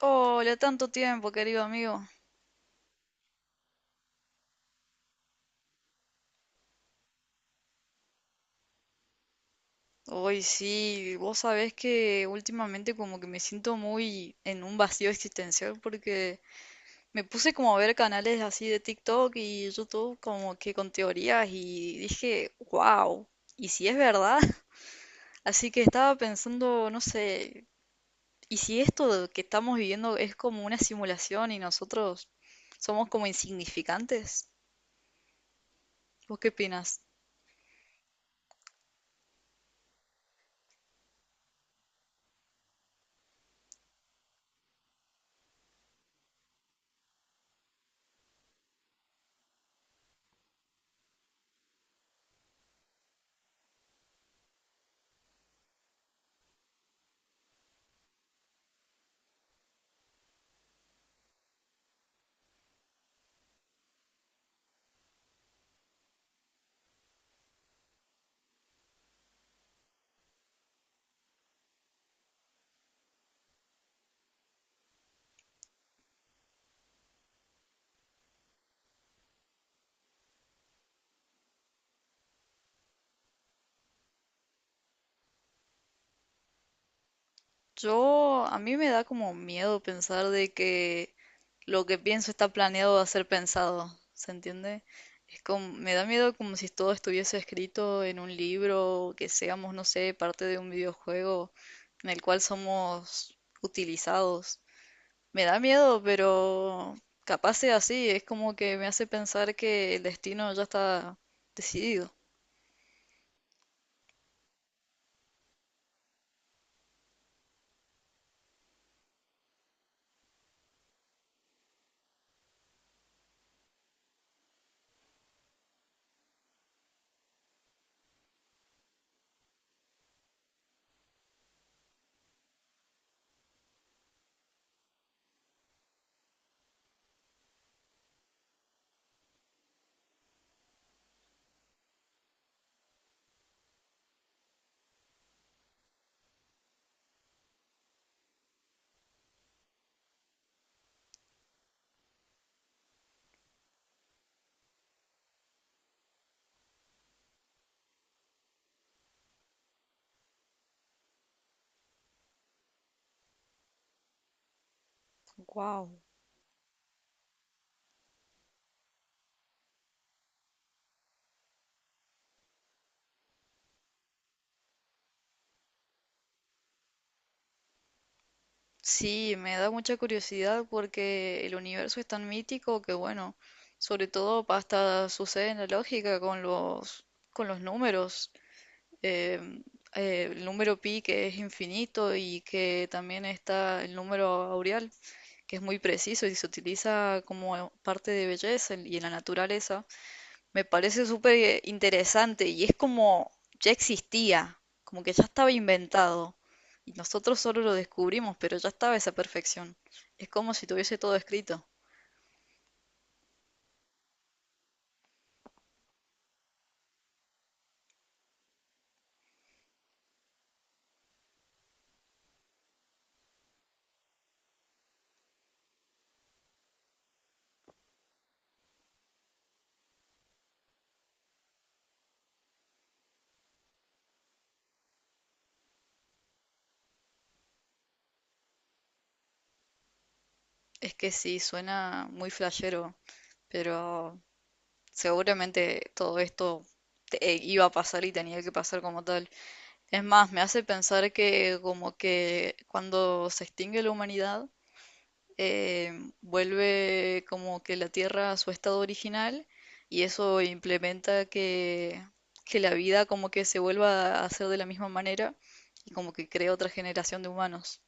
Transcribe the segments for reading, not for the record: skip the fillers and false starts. Hola, tanto tiempo, querido amigo. Hoy sí, vos sabés que últimamente como que me siento muy en un vacío existencial porque me puse como a ver canales así de TikTok y YouTube como que con teorías y dije, wow, ¿y si es verdad? Así que estaba pensando, no sé, ¿y si esto que estamos viviendo es como una simulación y nosotros somos como insignificantes? ¿Vos qué opinas? Yo, a mí me da como miedo pensar de que lo que pienso está planeado a ser pensado, ¿se entiende? Es como, me da miedo como si todo estuviese escrito en un libro, que seamos, no sé, parte de un videojuego en el cual somos utilizados. Me da miedo, pero capaz sea así, es como que me hace pensar que el destino ya está decidido. Sí, me da mucha curiosidad porque el universo es tan mítico que, bueno, sobre todo hasta sucede en la lógica con los números. eh, el número pi, que es infinito, y que también está el número aureal, que es muy preciso y se utiliza como parte de belleza y en la naturaleza, me parece súper interesante, y es como ya existía, como que ya estaba inventado. Y nosotros solo lo descubrimos, pero ya estaba esa perfección. Es como si tuviese todo escrito. Es que sí, suena muy flashero, pero seguramente todo esto iba a pasar y tenía que pasar como tal. Es más, me hace pensar que como que cuando se extingue la humanidad, eh, vuelve como que la Tierra a su estado original, y eso implementa que, la vida como que se vuelva a hacer de la misma manera y como que crea otra generación de humanos.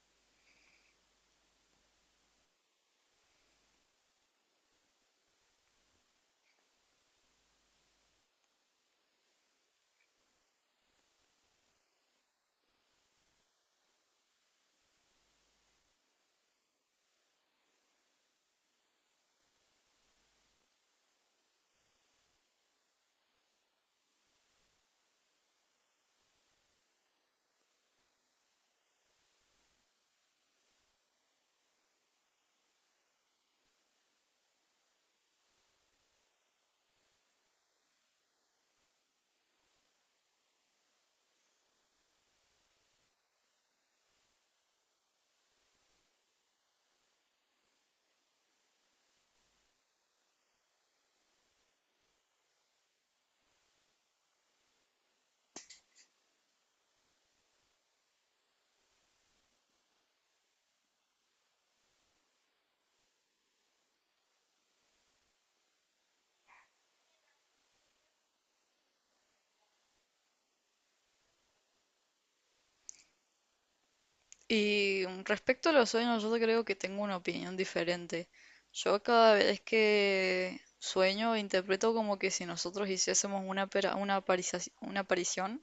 Y respecto a los sueños, yo creo que tengo una opinión diferente. Yo, cada vez que sueño, interpreto como que si nosotros hiciésemos una aparición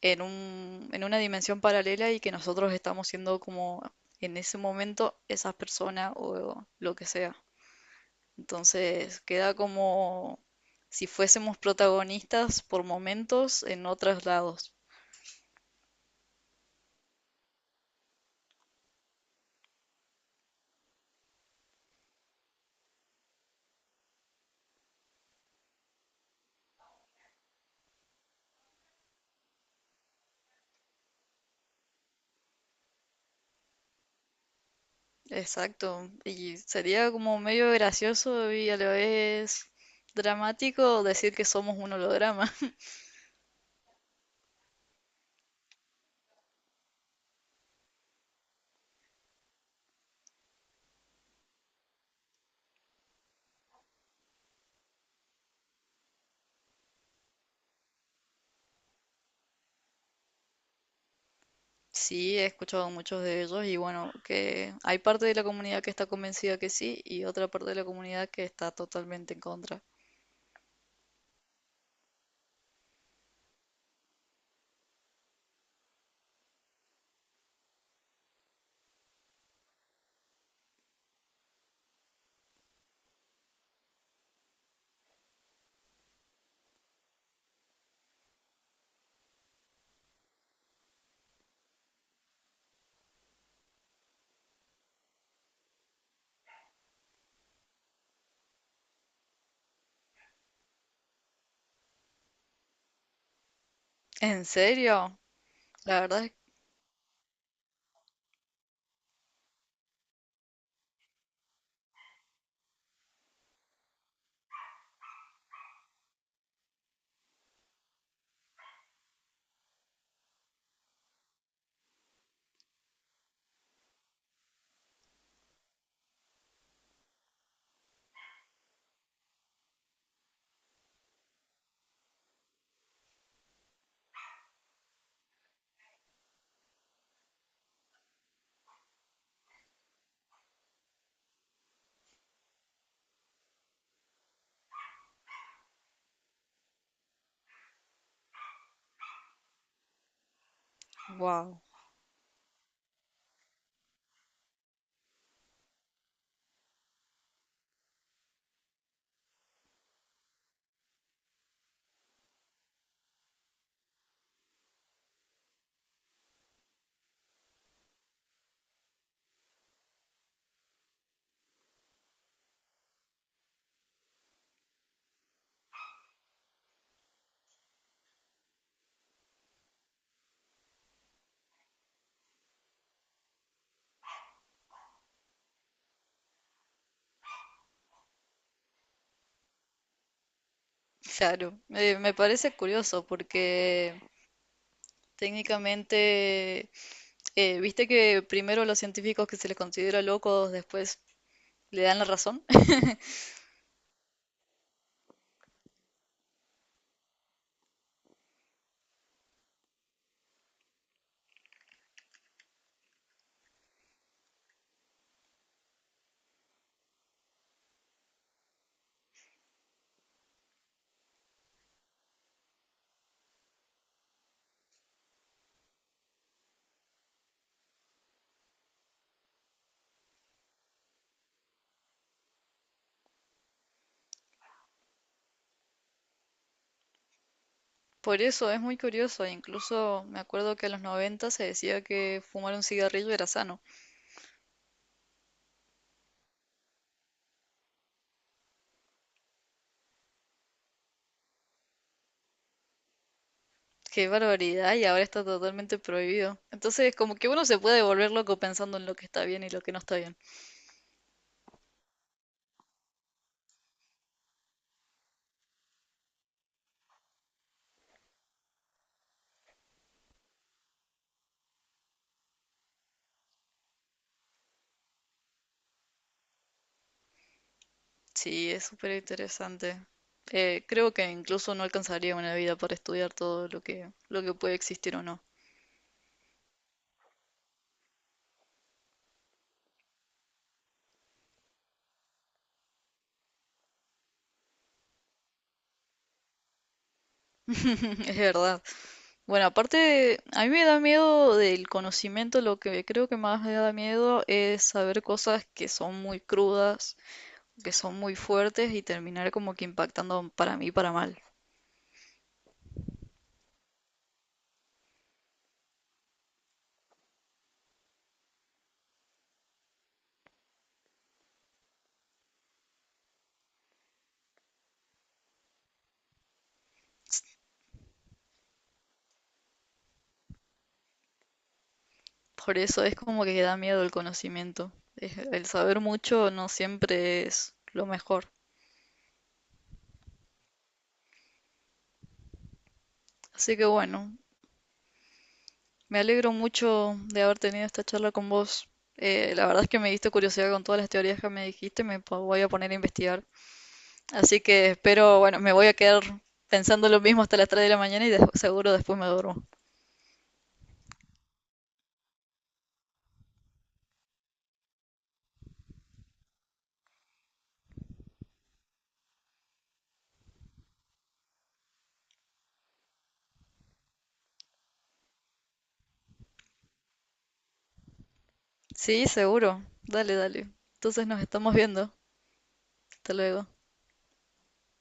en una dimensión paralela, y que nosotros estamos siendo como, en ese momento, esas personas o lo que sea. Entonces queda como si fuésemos protagonistas por momentos en otros lados. Exacto, y sería como medio gracioso, y a la vez dramático, decir que somos un holograma. Sí, he escuchado muchos de ellos, y bueno, que hay parte de la comunidad que está convencida que sí y otra parte de la comunidad que está totalmente en contra. ¿En serio? La verdad es, wow, claro, me parece curioso porque, técnicamente, viste que primero los científicos que se les considera locos después le dan la razón. Por eso es muy curioso, incluso me acuerdo que en los 90 se decía que fumar un cigarrillo era sano. ¡Qué barbaridad! Y ahora está totalmente prohibido. Entonces, como que uno se puede volver loco pensando en lo que está bien y lo que no está bien. Sí, es súper interesante. Creo que incluso no alcanzaría una vida para estudiar todo lo que puede existir o no. Es verdad. Bueno, aparte, a mí me da miedo del conocimiento; lo que creo que más me da miedo es saber cosas que son muy crudas, que son muy fuertes, y terminar como que impactando para mí para mal. Por eso es como que da miedo el conocimiento. El saber mucho no siempre es lo mejor. Así que, bueno, me alegro mucho de haber tenido esta charla con vos. La verdad es que me diste curiosidad con todas las teorías que me dijiste, voy a poner a investigar. Así que espero, bueno, me voy a quedar pensando lo mismo hasta las 3 de la mañana y seguro después me duermo. Sí, seguro. Dale, dale. Entonces nos estamos viendo. Hasta luego.